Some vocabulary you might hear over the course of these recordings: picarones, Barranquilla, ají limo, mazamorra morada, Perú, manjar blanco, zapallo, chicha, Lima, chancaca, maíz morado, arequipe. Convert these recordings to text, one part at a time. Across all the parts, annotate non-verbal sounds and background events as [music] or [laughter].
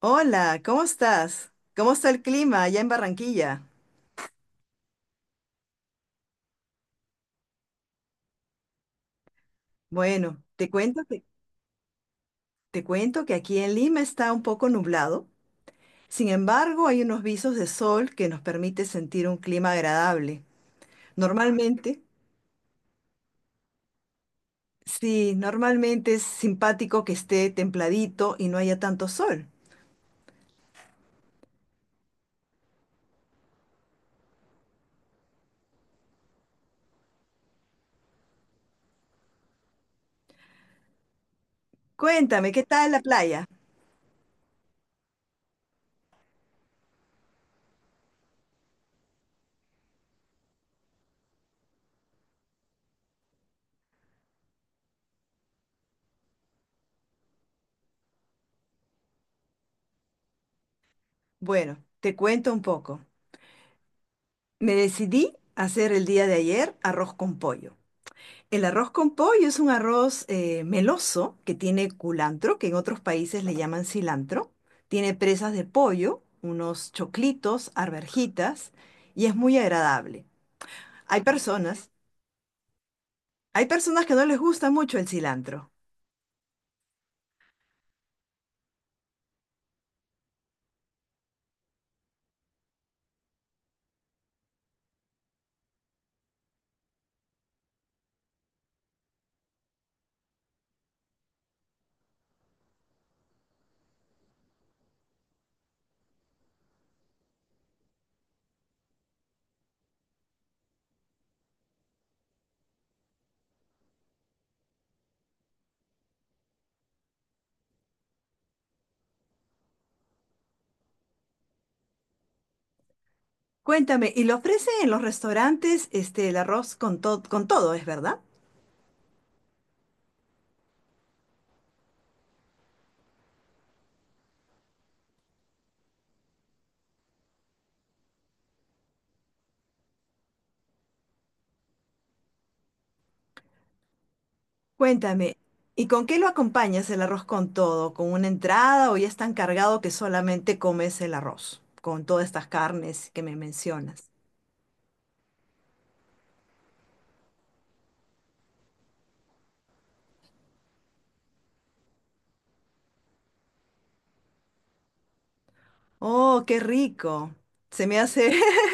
Hola, ¿cómo estás? ¿Cómo está el clima allá en Barranquilla? Bueno, te cuento que aquí en Lima está un poco nublado. Sin embargo, hay unos visos de sol que nos permite sentir un clima agradable. Normalmente, sí, normalmente es simpático que esté templadito y no haya tanto sol. Cuéntame, ¿qué tal la playa? Bueno, te cuento un poco. Me decidí a hacer el día de ayer arroz con pollo. El arroz con pollo es un arroz meloso que tiene culantro, que en otros países le llaman cilantro. Tiene presas de pollo, unos choclitos, arvejitas, y es muy agradable. Hay personas, hay personas que no les gusta mucho el cilantro. Cuéntame, ¿y lo ofrecen en los restaurantes este, el arroz con, to- con todo, es verdad? Cuéntame, ¿y con qué lo acompañas el arroz con todo? ¿Con una entrada o ya es tan cargado que solamente comes el arroz con todas estas carnes que me mencionas? Oh, qué rico. Se me hace... [laughs]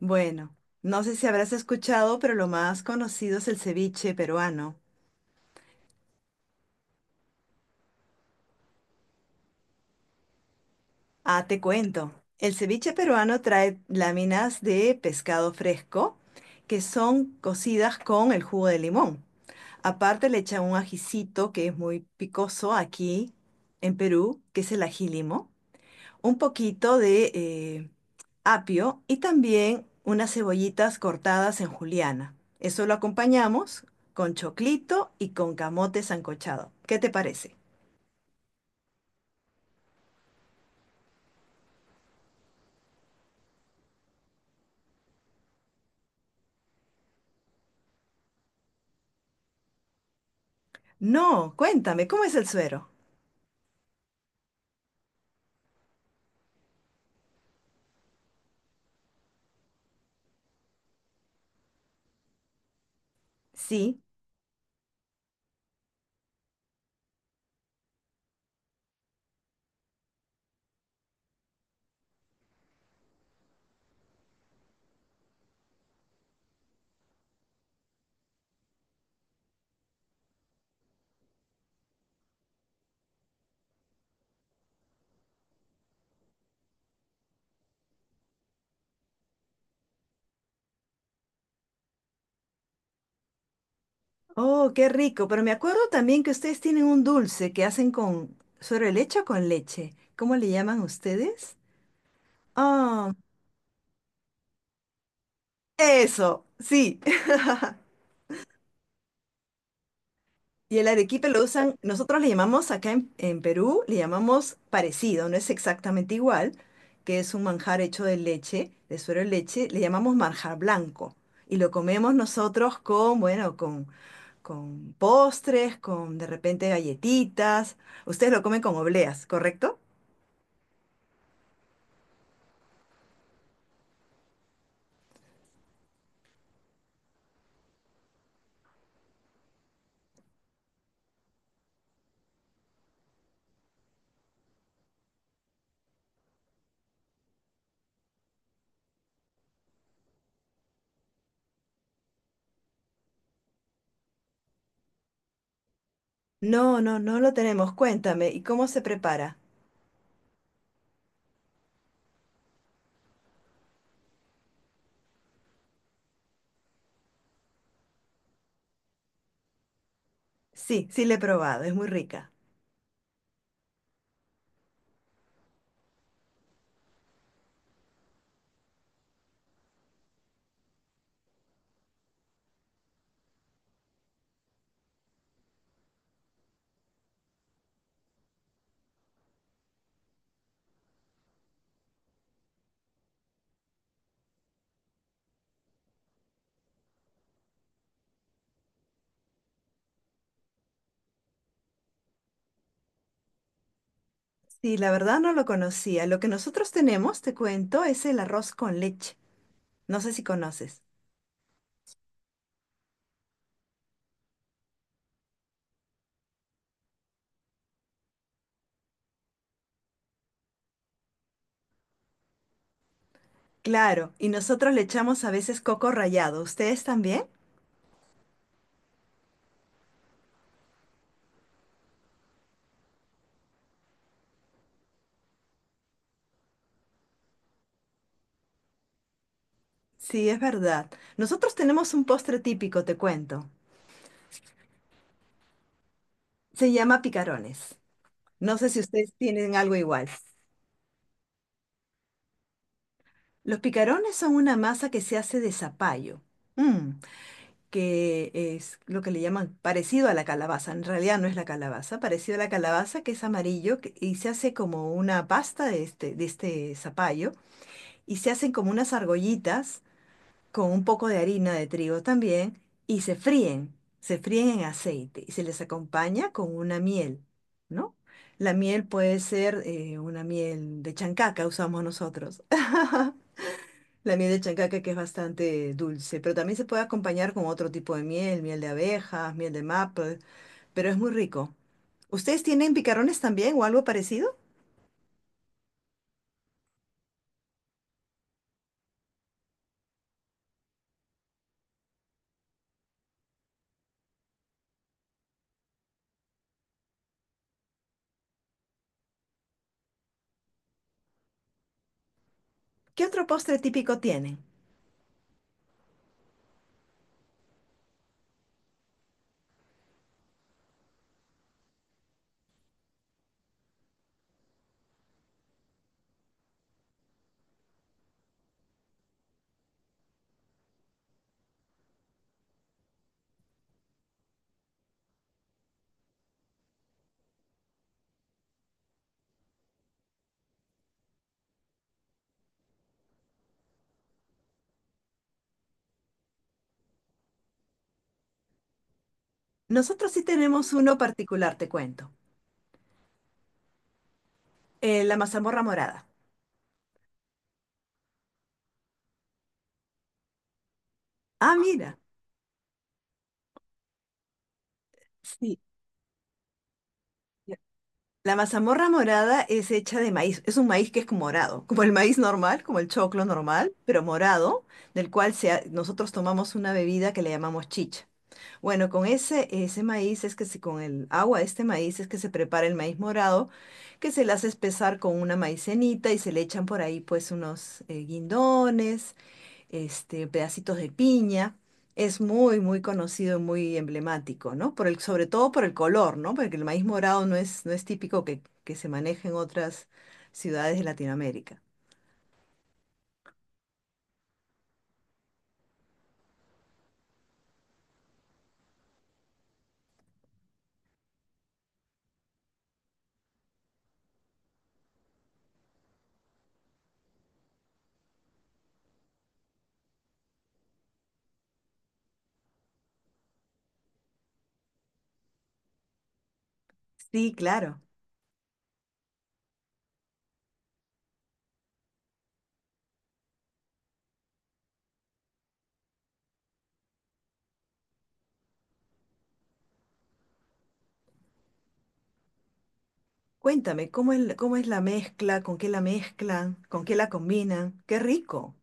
Bueno, no sé si habrás escuchado, pero lo más conocido es el ceviche peruano. Ah, te cuento. El ceviche peruano trae láminas de pescado fresco que son cocidas con el jugo de limón. Aparte le echan un ajicito que es muy picoso aquí en Perú, que es el ají limo. Un poquito de apio y también unas cebollitas cortadas en juliana. Eso lo acompañamos con choclito y con camote sancochado. ¿Qué te parece? No, cuéntame, ¿cómo es el suero? Sí. Oh, qué rico, pero me acuerdo también que ustedes tienen un dulce que hacen con suero de leche o con leche. ¿Cómo le llaman ustedes? Oh, eso, sí. [laughs] Y el arequipe lo usan, nosotros le llamamos acá en Perú, le llamamos parecido, no es exactamente igual, que es un manjar hecho de leche, de suero de leche, le llamamos manjar blanco. Y lo comemos nosotros con, bueno, con postres, con de repente galletitas. Ustedes lo comen con obleas, ¿correcto? No, no, no lo tenemos. Cuéntame, ¿y cómo se prepara? Sí, sí le he probado, es muy rica. Sí, la verdad no lo conocía. Lo que nosotros tenemos, te cuento, es el arroz con leche. No sé si conoces. Claro, y nosotros le echamos a veces coco rallado. ¿Ustedes también? Sí, es verdad. Nosotros tenemos un postre típico, te cuento. Se llama picarones. No sé si ustedes tienen algo igual. Los picarones son una masa que se hace de zapallo, mm, que es lo que le llaman parecido a la calabaza. En realidad no es la calabaza, parecido a la calabaza que es amarillo que- y se hace como una pasta de este zapallo y se hacen como unas argollitas con un poco de harina de trigo también y se fríen en aceite y se les acompaña con una miel, ¿no? La miel puede ser una miel de chancaca, usamos nosotros. [laughs] La miel de chancaca que es bastante dulce, pero también se puede acompañar con otro tipo de miel, miel de abejas, miel de maple, pero es muy rico. ¿Ustedes tienen picarones también o algo parecido? ¿Qué otro postre típico tienen? Nosotros sí tenemos uno particular, te cuento. La mazamorra morada. Ah, mira. Sí. Ya. La mazamorra morada es hecha de maíz. Es un maíz que es como morado, como el maíz normal, como el choclo normal, pero morado, del cual se ha- nosotros tomamos una bebida que le llamamos chicha. Bueno, con ese, ese maíz es que se, con el agua de este maíz es que se prepara el maíz morado, que se le hace espesar con una maicenita y se le echan por ahí pues unos guindones, este, pedacitos de piña. Es muy, muy conocido y muy emblemático, ¿no? Por el, sobre todo por el color, ¿no? Porque el maíz morado no es, no es típico que se maneje en otras ciudades de Latinoamérica. Sí, claro. Cuéntame, cómo es la mezcla? ¿Con qué la mezclan? ¿Con qué la combinan?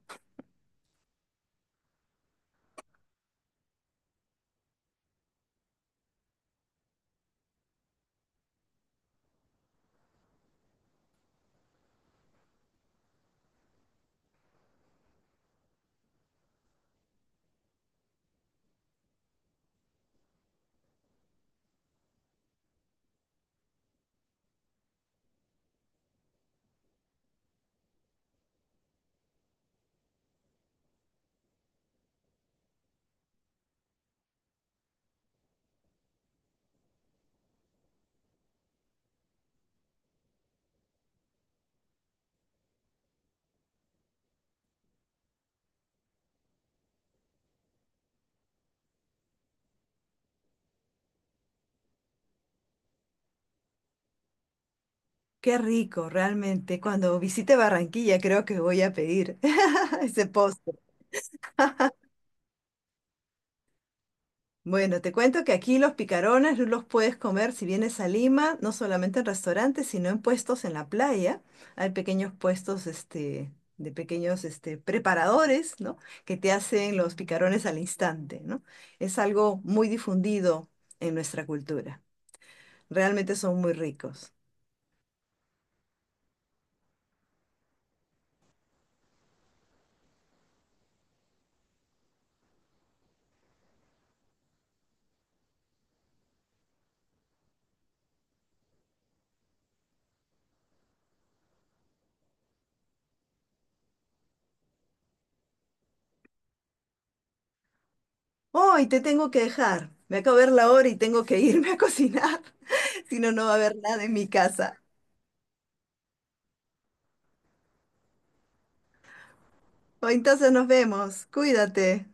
Qué rico, realmente. Cuando visite Barranquilla creo que voy a pedir [laughs] ese postre. Bueno, te cuento que aquí los picarones los puedes comer si vienes a Lima, no solamente en restaurantes, sino en puestos en la playa. Hay pequeños puestos, este, de pequeños, este, preparadores, ¿no? Que te hacen los picarones al instante, ¿no? Es algo muy difundido en nuestra cultura. Realmente son muy ricos. Oh, y te tengo que dejar. Me acabo de ver la hora y tengo que irme a cocinar. [laughs] Si no, no va a haber nada en mi casa. Oh, entonces nos vemos. Cuídate.